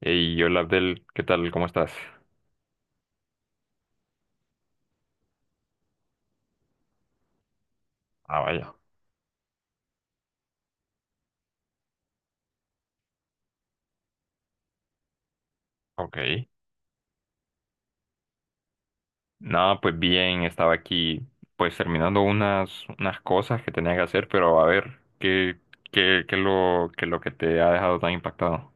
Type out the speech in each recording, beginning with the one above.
Hey, hola Abdel, ¿qué tal? ¿Cómo estás? Ah, vaya, ok. Nada, pues bien, estaba aquí pues terminando unas cosas que tenía que hacer, pero a ver, ¿qué es lo que te ha dejado tan impactado?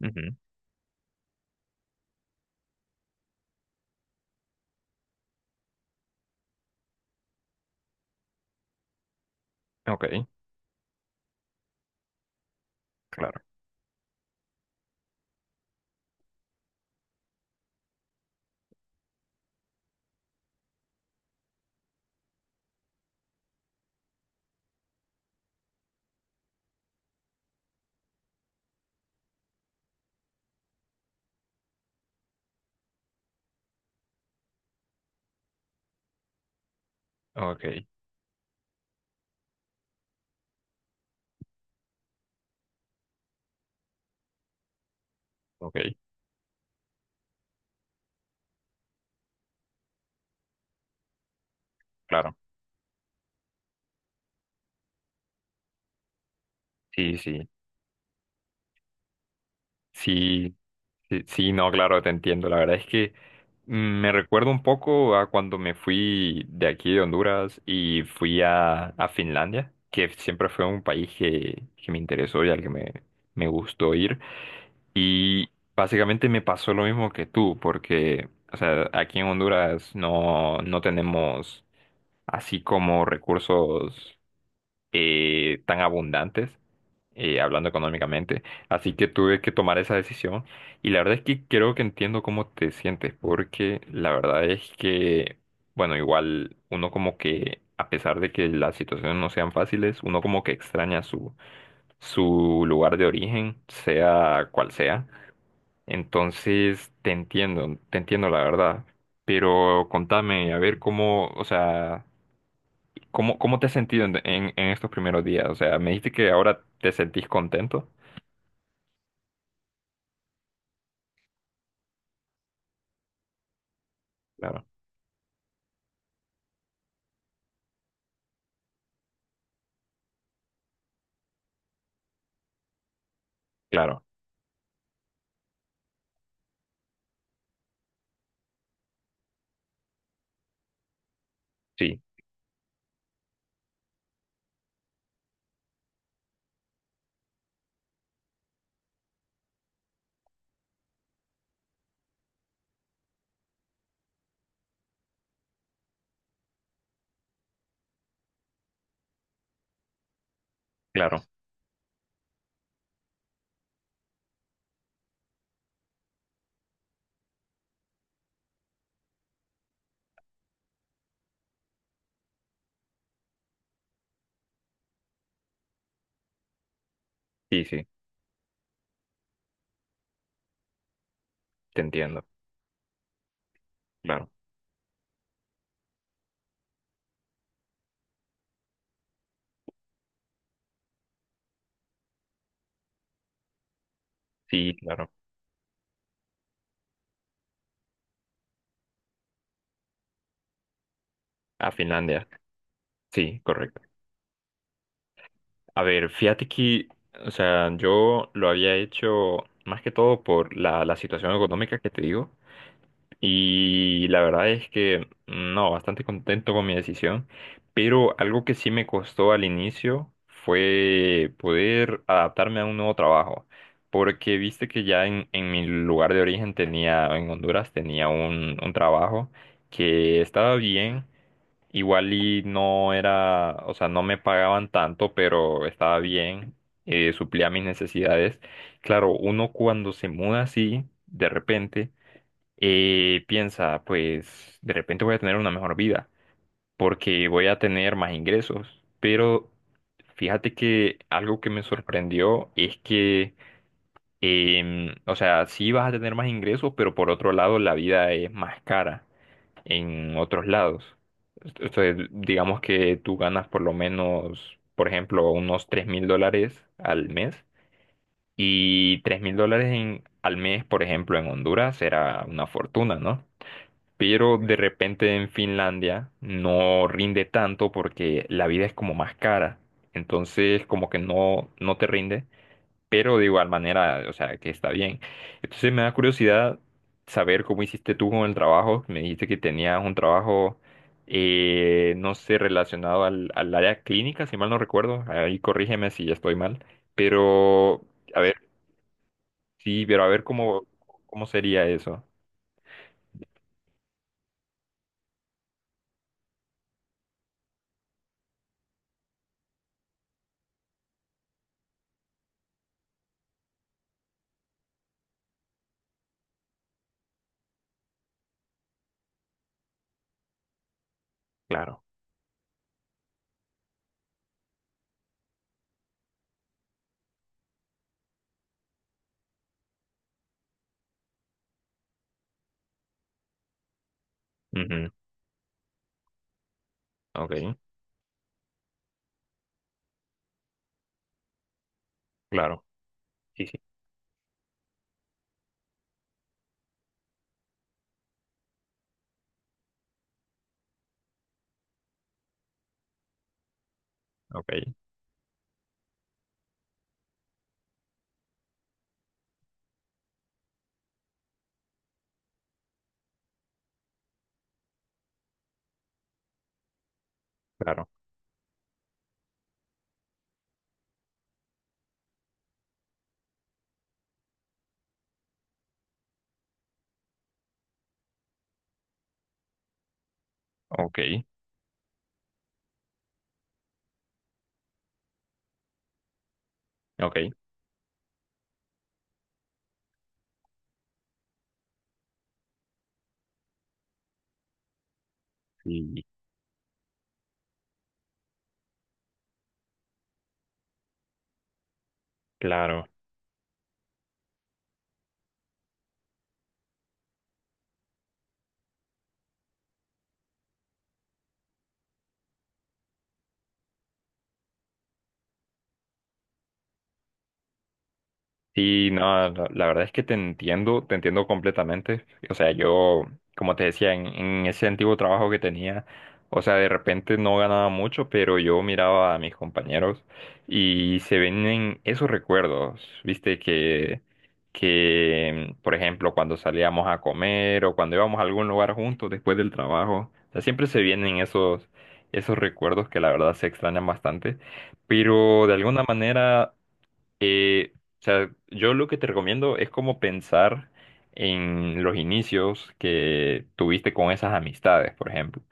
Ujú. Ok, claro. Ok, ok, claro. Sí, sí. Sí. Sí, sí, no, claro, te entiendo. La verdad es que me recuerdo un poco a cuando me fui de aquí de Honduras y fui a Finlandia, que siempre fue un país que me interesó y al que me gustó ir. Y básicamente me pasó lo mismo que tú, porque, o sea, aquí en Honduras no tenemos así como recursos tan abundantes y hablando económicamente. Así que tuve que tomar esa decisión y la verdad es que creo que entiendo cómo te sientes, porque la verdad es que, bueno, igual uno como que, a pesar de que las situaciones no sean fáciles, uno como que extraña su lugar de origen, sea cual sea. Entonces, te entiendo la verdad. Pero contame, a ver cómo, o sea, cómo te has sentido en estos primeros días. O sea, me dijiste que ahora te sentís contento. Claro. Claro, sí, claro, sí, sí, te entiendo, claro, sí, claro, a Finlandia, sí, correcto. A ver, fíjate que, o sea, yo lo había hecho más que todo por la situación económica que te digo. Y la verdad es que no, bastante contento con mi decisión, pero algo que sí me costó al inicio fue poder adaptarme a un nuevo trabajo, porque viste que ya en mi lugar de origen tenía, en Honduras tenía un trabajo que estaba bien, igual y no era, o sea, no me pagaban tanto, pero estaba bien, suplía mis necesidades. Claro, uno cuando se muda así, de repente y piensa, pues de repente voy a tener una mejor vida porque voy a tener más ingresos. Pero fíjate que algo que me sorprendió es que, o sea, sí vas a tener más ingresos, pero por otro lado la vida es más cara en otros lados. Entonces, digamos que tú ganas por lo menos, por ejemplo, unos $3.000 al mes. Y $3.000 al mes, por ejemplo, en Honduras era una fortuna, ¿no? Pero de repente en Finlandia no rinde tanto porque la vida es como más cara, entonces como que no te rinde, pero de igual manera, o sea, que está bien. Entonces me da curiosidad saber cómo hiciste tú con el trabajo, me dijiste que tenías un trabajo, no sé, relacionado al área clínica, si mal no recuerdo, ahí corrígeme si estoy mal, pero a ver, sí, pero a ver cómo sería eso. Claro. Ujú. Ok, claro. Ok, claro, ok, ok, sí, claro. Sí, no, la verdad es que te entiendo completamente. O sea, yo, como te decía, en ese antiguo trabajo que tenía, o sea, de repente no ganaba mucho, pero yo miraba a mis compañeros y se vienen esos recuerdos, viste, que, por ejemplo, cuando salíamos a comer o cuando íbamos a algún lugar juntos después del trabajo, o sea, siempre se vienen esos recuerdos que la verdad se extrañan bastante, pero de alguna manera eh, o sea, yo lo que te recomiendo es como pensar en los inicios que tuviste con esas amistades, por ejemplo,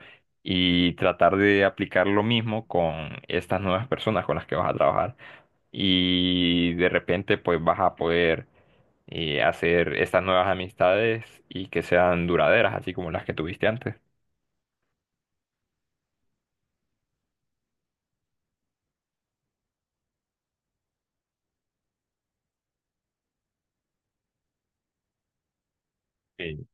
y tratar de aplicar lo mismo con estas nuevas personas con las que vas a trabajar. Y de repente, pues vas a poder hacer estas nuevas amistades y que sean duraderas, así como las que tuviste antes. Sí.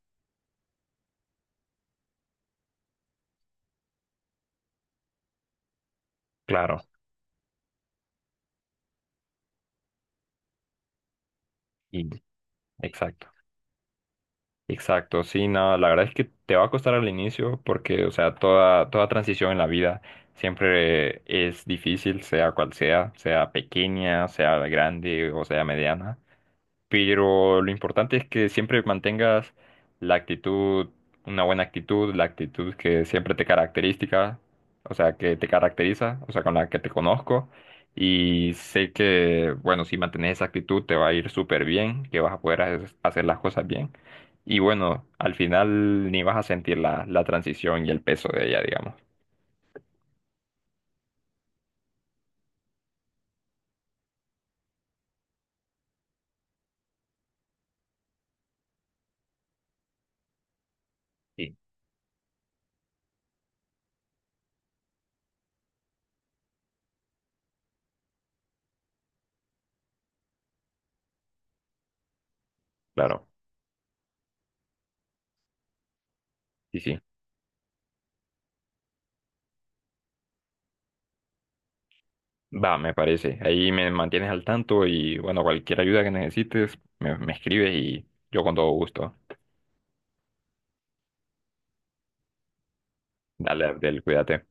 Claro, y exacto. Exacto, sí, no, la verdad es que te va a costar al inicio porque, o sea, toda transición en la vida siempre es difícil, sea cual sea, sea pequeña, sea grande o sea mediana, pero lo importante es que siempre mantengas la actitud, una buena actitud, la actitud que siempre te característica, o sea, que te caracteriza, o sea, con la que te conozco. Y sé que, bueno, si mantienes esa actitud te va a ir súper bien, que vas a poder hacer las cosas bien. Y bueno, al final ni vas a sentir la transición y el peso de ella, digamos. Sí. Claro, sí, sí. Va, me parece. Ahí me mantienes al tanto y bueno, cualquier ayuda que necesites, me escribes y yo con todo gusto. Dale, Abdel, cuídate.